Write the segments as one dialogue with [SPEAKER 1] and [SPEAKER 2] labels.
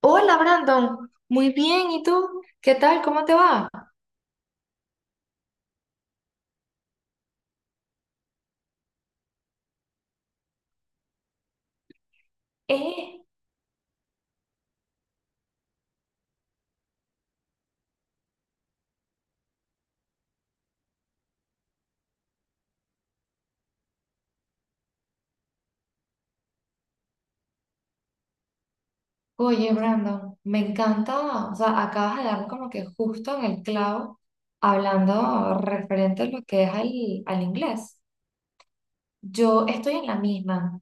[SPEAKER 1] Hola Brandon, muy bien, ¿y tú? ¿Qué tal? ¿Cómo te va? Eh, Oye Brandon, me encanta, o sea, acabas de darme como que justo en el clavo hablando referente a lo que es al inglés. Yo estoy en la misma.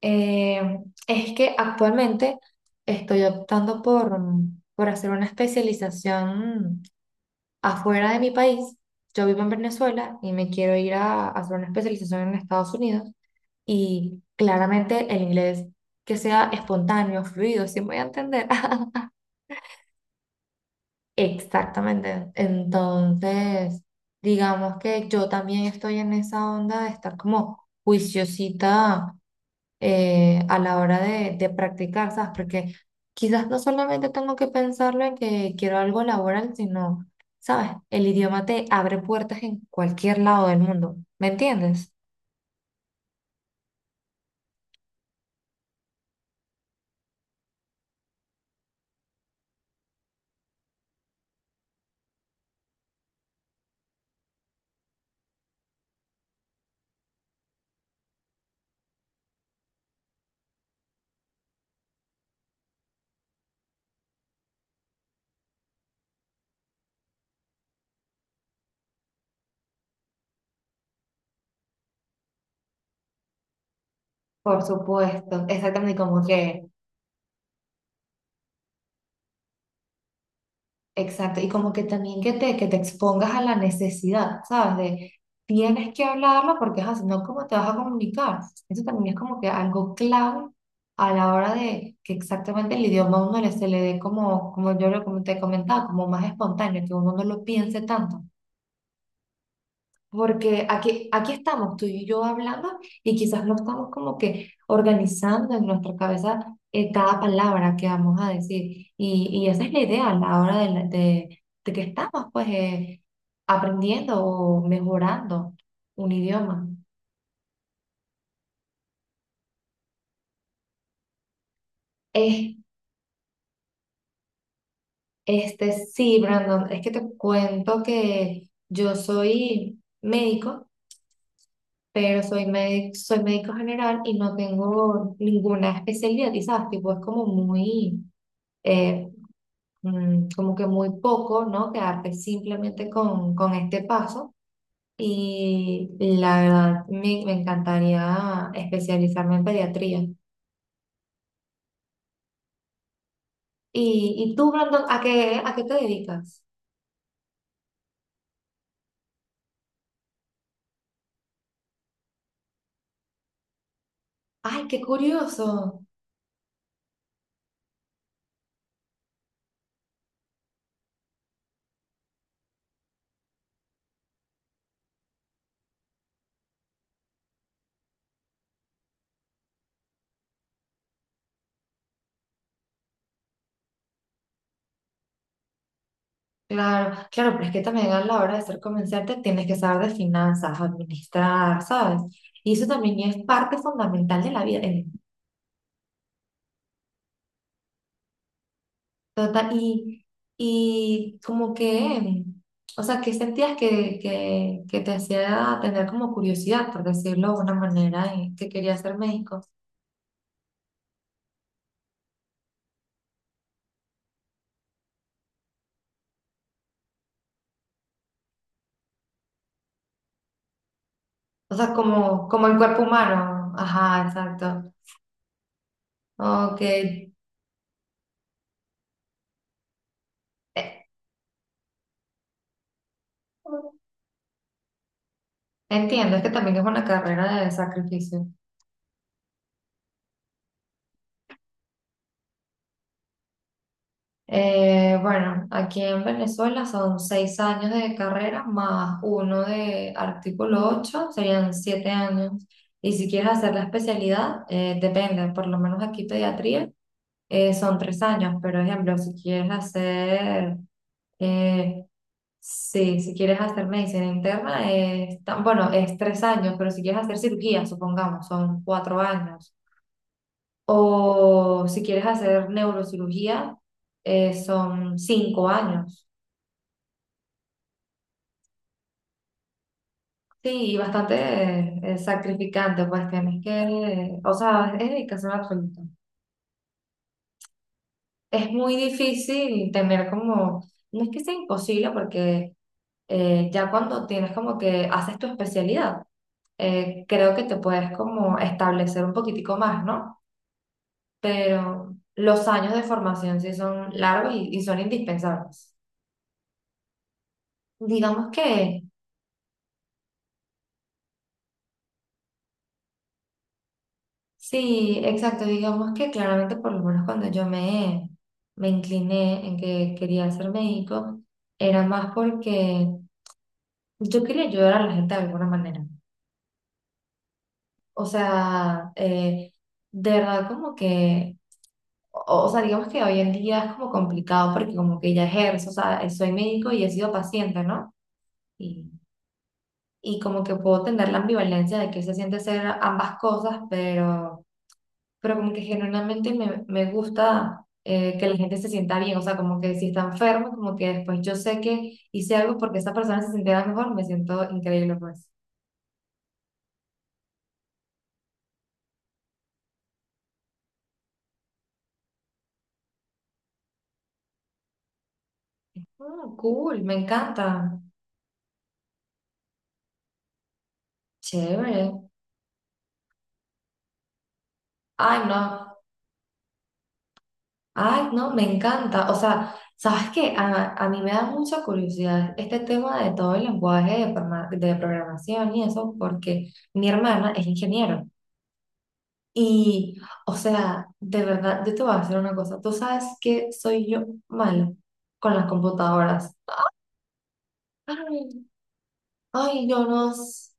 [SPEAKER 1] Eh, es que actualmente estoy optando por hacer una especialización afuera de mi país. Yo vivo en Venezuela y me quiero ir a hacer una especialización en Estados Unidos. Y claramente el inglés que sea espontáneo, fluido, si voy a entender. Exactamente. Entonces, digamos que yo también estoy en esa onda de estar como juiciosita a la hora de practicar, ¿sabes? Porque quizás no solamente tengo que pensarlo en que quiero algo laboral, sino, ¿sabes? El idioma te abre puertas en cualquier lado del mundo, ¿me entiendes? Por supuesto, exactamente como que. Exacto, y como que también que que te expongas a la necesidad, ¿sabes? De tienes que hablarlo porque ajá, si no, ¿cómo te vas a comunicar? Eso también es como que algo clave a la hora de que exactamente el idioma a uno le, se le dé como, como yo lo, como te comentaba, como más espontáneo, que uno no lo piense tanto. Porque aquí estamos tú y yo hablando y quizás no estamos como que organizando en nuestra cabeza cada palabra que vamos a decir. Y esa es la idea a la hora de que estamos pues. Aprendiendo o mejorando un idioma. Es, este, sí, Brandon, es que te cuento que yo soy médico, soy médico general y no tengo ninguna especialidad, y sabes, tipo, es como muy... eh, como que muy poco, ¿no? Quedarte simplemente con este paso. Y la verdad, me encantaría especializarme en pediatría. Y tú, Brandon, a qué te dedicas? ¡Ay, qué curioso! Claro, claro, pero es que también a la hora de ser comerciante tienes que saber de finanzas, administrar, ¿sabes? Y eso también es parte fundamental de la vida. Total, y como que, o sea, ¿qué sentías que te hacía tener como curiosidad, por decirlo de una manera, que quería ser médico? O sea, como, como el cuerpo humano. Ajá, exacto. Ok. Entiendo, es que también es una carrera de sacrificio. Bueno, aquí en Venezuela son 6 años de carrera más 1 de artículo 8, serían 7 años. Y si quieres hacer la especialidad, depende, por lo menos aquí pediatría son 3 años, pero ejemplo, si quieres eh, sí, si quieres hacer medicina interna, es bueno, es 3 años, pero si quieres hacer cirugía, supongamos, son 4 años. O si quieres hacer neurocirugía, son 5 años. Sí, y bastante sacrificante, pues tienes que, o sea, es dedicación absoluta. Es muy difícil tener como, no es que sea imposible, porque ya cuando tienes como que haces tu especialidad, creo que te puedes como establecer un poquitico más, ¿no? Pero los años de formación sí son largos y son indispensables. Digamos que sí, exacto. Digamos que claramente, por lo menos cuando yo me incliné en que quería ser médico, era más porque yo quería ayudar a la gente de alguna manera. O sea, de verdad como que, o sea, digamos que hoy en día es como complicado porque como que ya ejerzo, o sea, soy médico y he sido paciente, ¿no? Y, y como que puedo tener la ambivalencia de que se siente ser ambas cosas, pero como que generalmente me gusta que la gente se sienta bien, o sea, como que si está enfermo, como que después yo sé que hice algo porque esa persona se sintiera mejor, me siento increíble, pues. Mm, cool, me encanta, chévere. Ay, no, ay, no, me encanta. O sea, ¿sabes qué? A mí me da mucha curiosidad este tema de todo el lenguaje de programación y eso, porque mi hermana es ingeniero. Y, o sea, de verdad, yo te voy a decir una cosa. Tú sabes que soy yo malo con las computadoras. Ay, ay, yo no, s-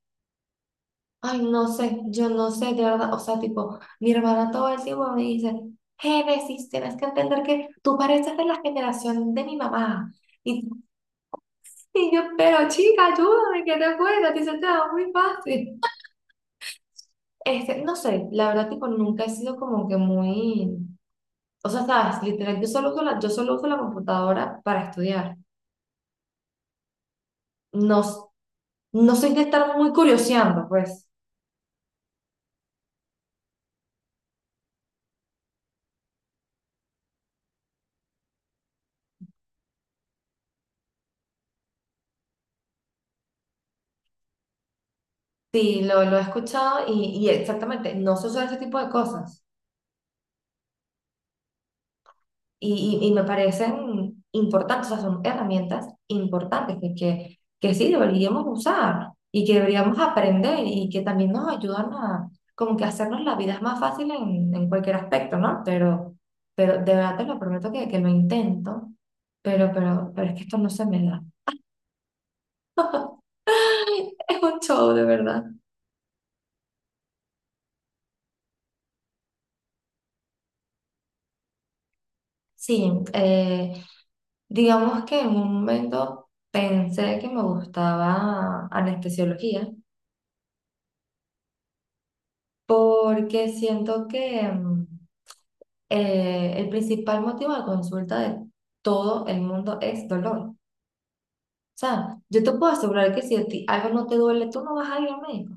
[SPEAKER 1] ay, no sé, yo no sé, de verdad. O sea, tipo, mi hermana todo el tiempo me dice, Génesis, tienes que entender que tú pareces de la generación de mi mamá. Y, y yo, pero chica, ayúdame, que te cuesta, te dice, "Te va muy fácil. Este, no sé, la verdad, tipo, nunca he sido como que muy, o sea, sabes, literal, yo solo uso la computadora para estudiar. No, s- no soy de estar muy curioseando, pues. Sí, lo he escuchado y exactamente, no se usa ese tipo de cosas. Y me parecen importantes, o sea, son herramientas importantes que sí deberíamos usar y que deberíamos aprender y que también nos ayudan a como que hacernos la vida más fácil en cualquier aspecto, ¿no? Pero de verdad te lo prometo que lo intento, pero es que esto no se me da. Es un show, de verdad. Sí, digamos que en un momento pensé que me gustaba anestesiología porque siento que el principal motivo de consulta de todo el mundo es dolor. O sea, yo te puedo asegurar que si a ti algo no te duele, tú no vas a ir al médico.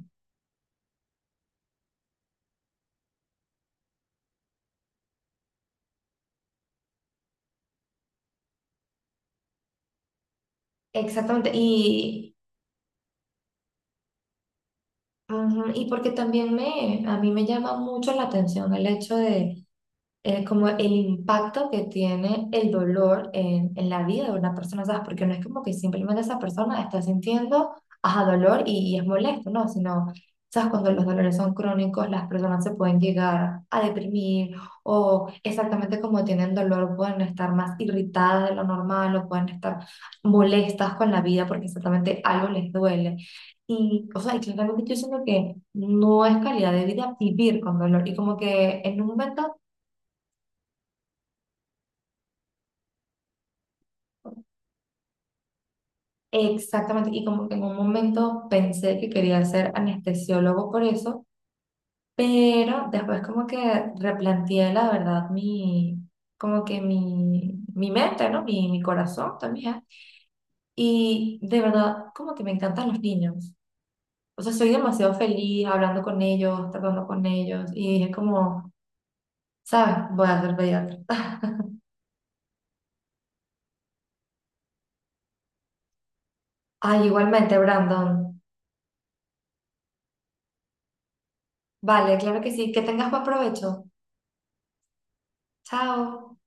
[SPEAKER 1] Exactamente. Ujú, y porque también me, a mí me llama mucho la atención el hecho de como el impacto que tiene el dolor en la vida de una persona, ¿sabes? Porque no es como que simplemente esa persona está sintiendo, ajá, dolor y es molesto, ¿no? Sino, ¿sabes? Cuando los dolores son crónicos, las personas se pueden llegar a deprimir o exactamente como tienen dolor, pueden estar más irritadas de lo normal o pueden estar molestas con la vida porque exactamente algo les duele. Y, o sea, y claramente yo siento que no es calidad de vida vivir con dolor. Y como que en un momento exactamente, y como que en un momento pensé que quería ser anestesiólogo por eso, pero después como que replanteé la verdad como que mi mente, ¿no? Mi corazón también, y de verdad como que me encantan los niños, o sea, soy demasiado feliz hablando con ellos, tratando con ellos, y dije como, ¿sabes? Voy a ser pediatra. Ay, igualmente, Brandon. Vale, claro que sí, que tengas buen provecho. Chao.